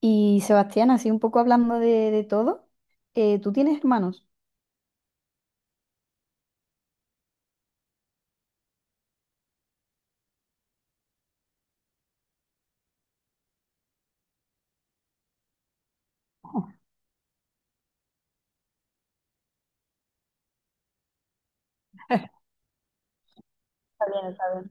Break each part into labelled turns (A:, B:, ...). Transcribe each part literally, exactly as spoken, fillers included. A: Y Sebastián, así un poco hablando de, de todo, eh, ¿tú tienes hermanos? Oh. Está bien, está bien.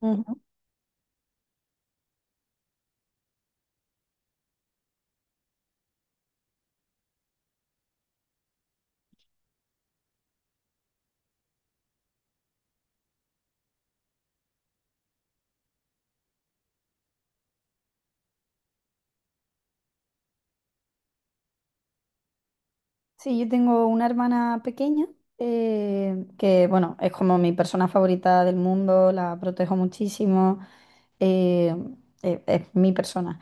A: Ujú. Sí, yo tengo una hermana pequeña, eh, que, bueno, es como mi persona favorita del mundo, la protejo muchísimo. eh, eh, es mi persona.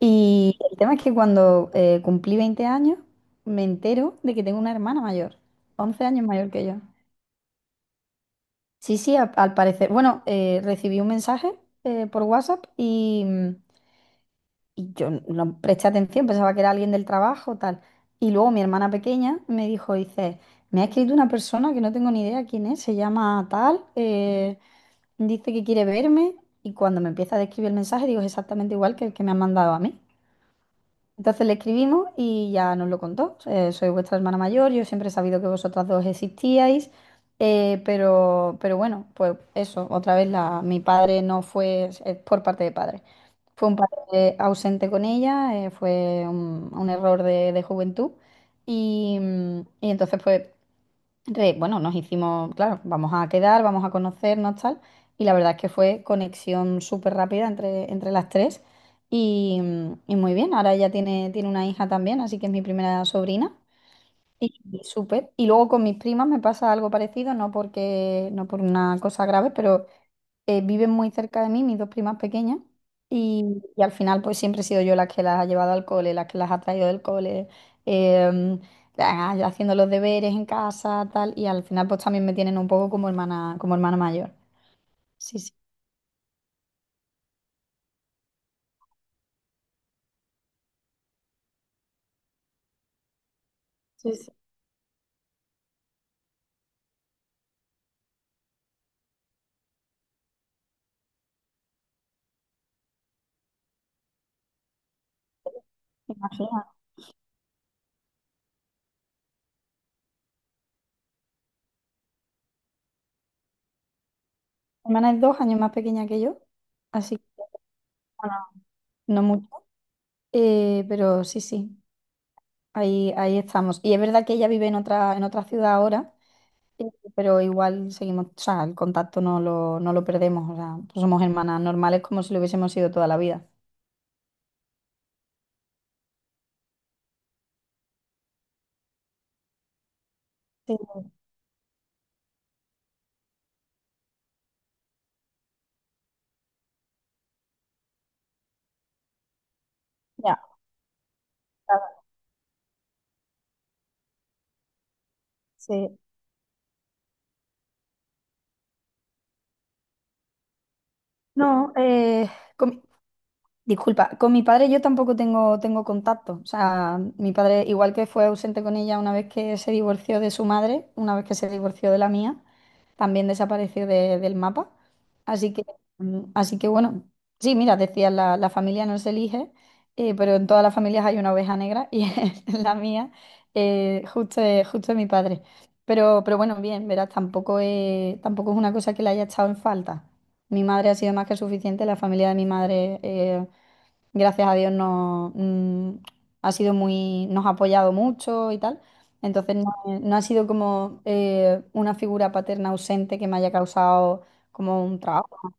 A: Y el tema es que cuando eh, cumplí veinte años, me entero de que tengo una hermana mayor, once años mayor que yo. Sí, sí, a- al parecer. Bueno, eh, recibí un mensaje eh, por WhatsApp y... mm, y yo no presté atención, pensaba que era alguien del trabajo, tal. Y luego mi hermana pequeña me dijo, dice, me ha escrito una persona que no tengo ni idea quién es, se llama tal, eh, dice que quiere verme. Y cuando me empieza a describir el mensaje, digo, es exactamente igual que el que me han mandado a mí. Entonces le escribimos y ya nos lo contó. Eh, soy vuestra hermana mayor, yo siempre he sabido que vosotras dos existíais, eh, pero, pero bueno, pues eso, otra vez la, mi padre no fue, es por parte de padre. Fue un padre ausente con ella, eh, fue un, un error de, de juventud y, mm, y entonces pues re- bueno, nos hicimos, claro, vamos a quedar, vamos a conocernos, tal. Y la verdad es que fue conexión súper rápida entre, entre las tres. Y, y muy bien, ahora ella tiene, tiene una hija también, así que es mi primera sobrina. Y y súper. Y luego con mis primas me pasa algo parecido, no porque, no por una cosa grave, pero eh, viven muy cerca de mí, mis dos primas pequeñas, y, y al final pues siempre he sido yo la que las ha llevado al cole, la que las ha traído del cole, em, la- haciendo los deberes en casa, tal, y al final pues también me tienen un poco como hermana, como hermana mayor. Sí, sí, sí, sí. Imagina. Mi hermana es dos años más pequeña que yo, así que bueno, no mucho, eh, pero sí, sí, ahí, ahí estamos. Y es verdad que ella vive en otra, en otra ciudad ahora. Sí, pero igual seguimos, o sea, el contacto no lo, no lo perdemos, o sea, pues somos hermanas normales como si lo hubiésemos sido toda la vida. Sí, ya, claro, sí. No, eh, com- disculpa, con mi padre yo tampoco tengo, tengo contacto. O sea, mi padre, igual que fue ausente con ella una vez que se divorció de su madre, una vez que se divorció de la mía, también desapareció de- del mapa. Así que, mm, así que bueno, sí, mira, decía, la, la familia no se elige, eh, pero en todas las familias hay una oveja negra y en la mía, eh, justo, es- justo es mi padre. Pero, pero bueno, bien, verás, tampoco es, tampoco es una cosa que le haya echado en falta. Mi madre ha sido más que suficiente, la familia de mi madre. Eh, gracias a Dios no, mm, ha sido muy, nos ha apoyado mucho y tal. Entonces no, no ha sido como eh, una figura paterna ausente que me haya causado como un trabajo.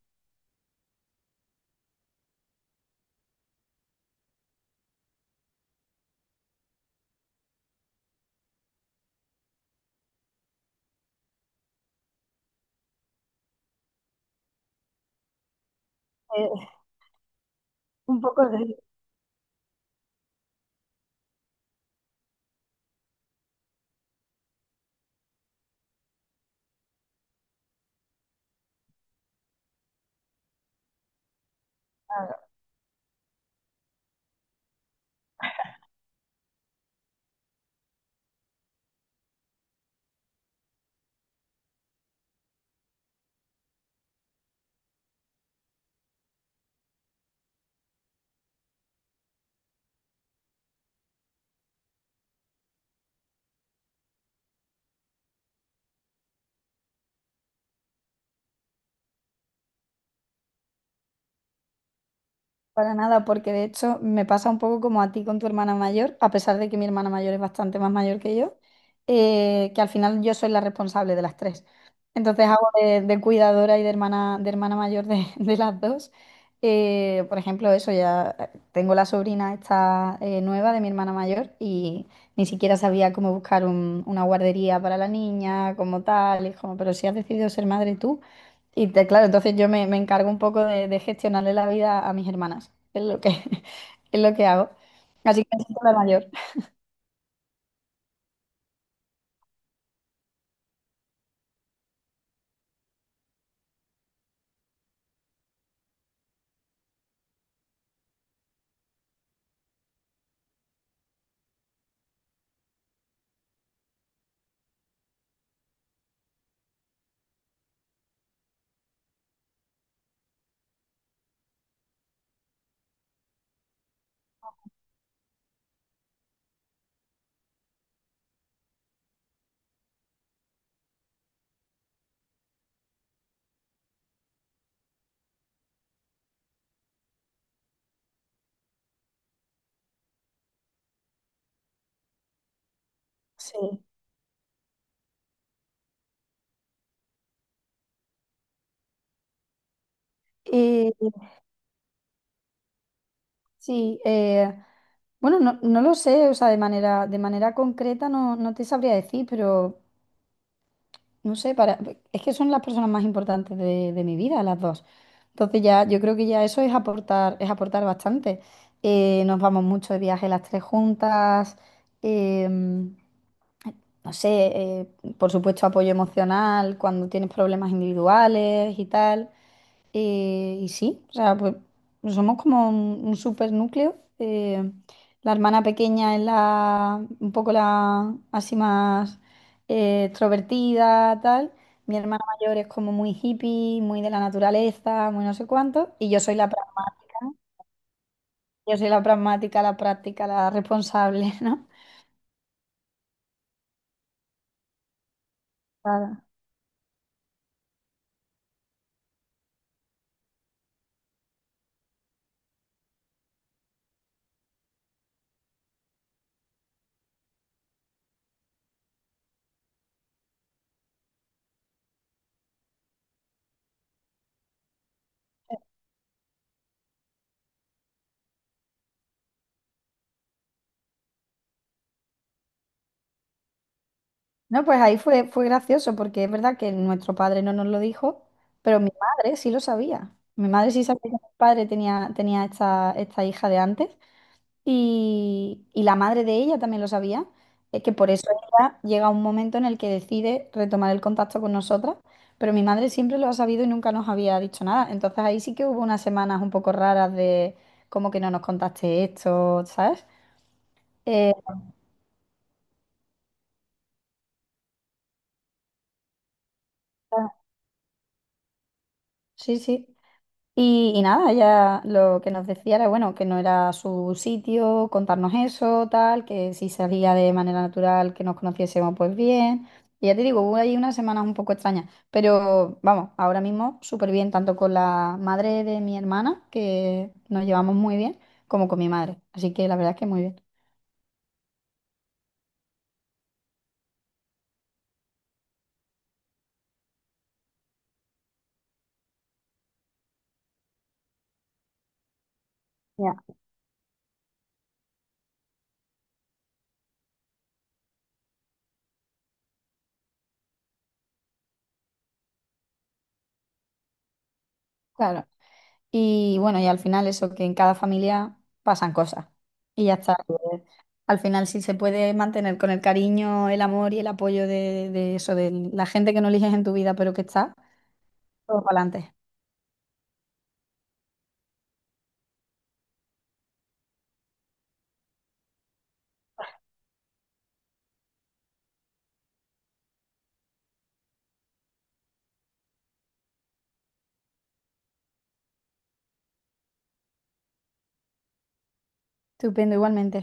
A: Eh, un poco de... Para nada, porque de hecho me pasa un poco como a ti con tu hermana mayor, a pesar de que mi hermana mayor es bastante más mayor que yo, eh, que al final yo soy la responsable de las tres. Entonces hago de, de cuidadora y de hermana, de hermana mayor de, de las dos. Eh, por ejemplo, eso ya, eh, tengo la sobrina esta, eh, nueva de mi hermana mayor y ni siquiera sabía cómo buscar un- una guardería para la niña, como tal, y es como, pero si has decidido ser madre tú. Y te- claro, entonces yo me, me encargo un poco de, de gestionarle la vida a mis hermanas. Es lo que, es lo que hago. Así que me siento la mayor. Sí. Y sí, eh, bueno, no, no lo sé, o sea, de manera, de manera concreta no, no te sabría decir, pero no sé, para, es que son las personas más importantes de, de mi vida, las dos. Entonces ya, yo creo que ya eso es aportar, es aportar bastante. Eh, nos vamos mucho de viaje las tres juntas. em, no sé, eh, por supuesto apoyo emocional cuando tienes problemas individuales y tal. Eh, y sí, o sea, pues somos como un, un súper núcleo. La hermana pequeña es la, un poco la así más eh, extrovertida, tal. Mi hermana mayor es como muy hippie, muy de la naturaleza, muy no sé cuánto. Y yo soy la pragmática, yo soy la pragmática, la práctica, la responsable, ¿no? Claro. No, pues ahí fue, fue gracioso porque es verdad que nuestro padre no nos lo dijo, pero mi madre sí lo sabía. Mi madre sí sabía que mi padre tenía, tenía esta, esta hija de antes y, y la madre de ella también lo sabía. Es que por eso ella llega un momento en el que decide retomar el contacto con nosotras, pero mi madre siempre lo ha sabido y nunca nos había dicho nada. Entonces ahí sí que hubo unas semanas un poco raras de como que no nos contaste esto, ¿sabes? Eh, sí, sí. Y, y nada, ella lo que nos decía era, bueno, que no era su sitio, contarnos eso, tal, que si salía de manera natural, que nos conociésemos pues bien. Y ya te digo, hubo ahí unas semanas un poco extrañas, pero vamos, ahora mismo súper bien, tanto con la madre de mi hermana, que nos llevamos muy bien, como con mi madre. Así que la verdad es que muy bien. Ya. Claro. Y bueno, y al final eso, que en cada familia pasan cosas. Y ya está. Eh, Al final, si se puede mantener con el cariño, el amor y el apoyo de, de eso, de la gente que no eliges en tu vida, pero que está, todo para adelante. Estupendo, igualmente.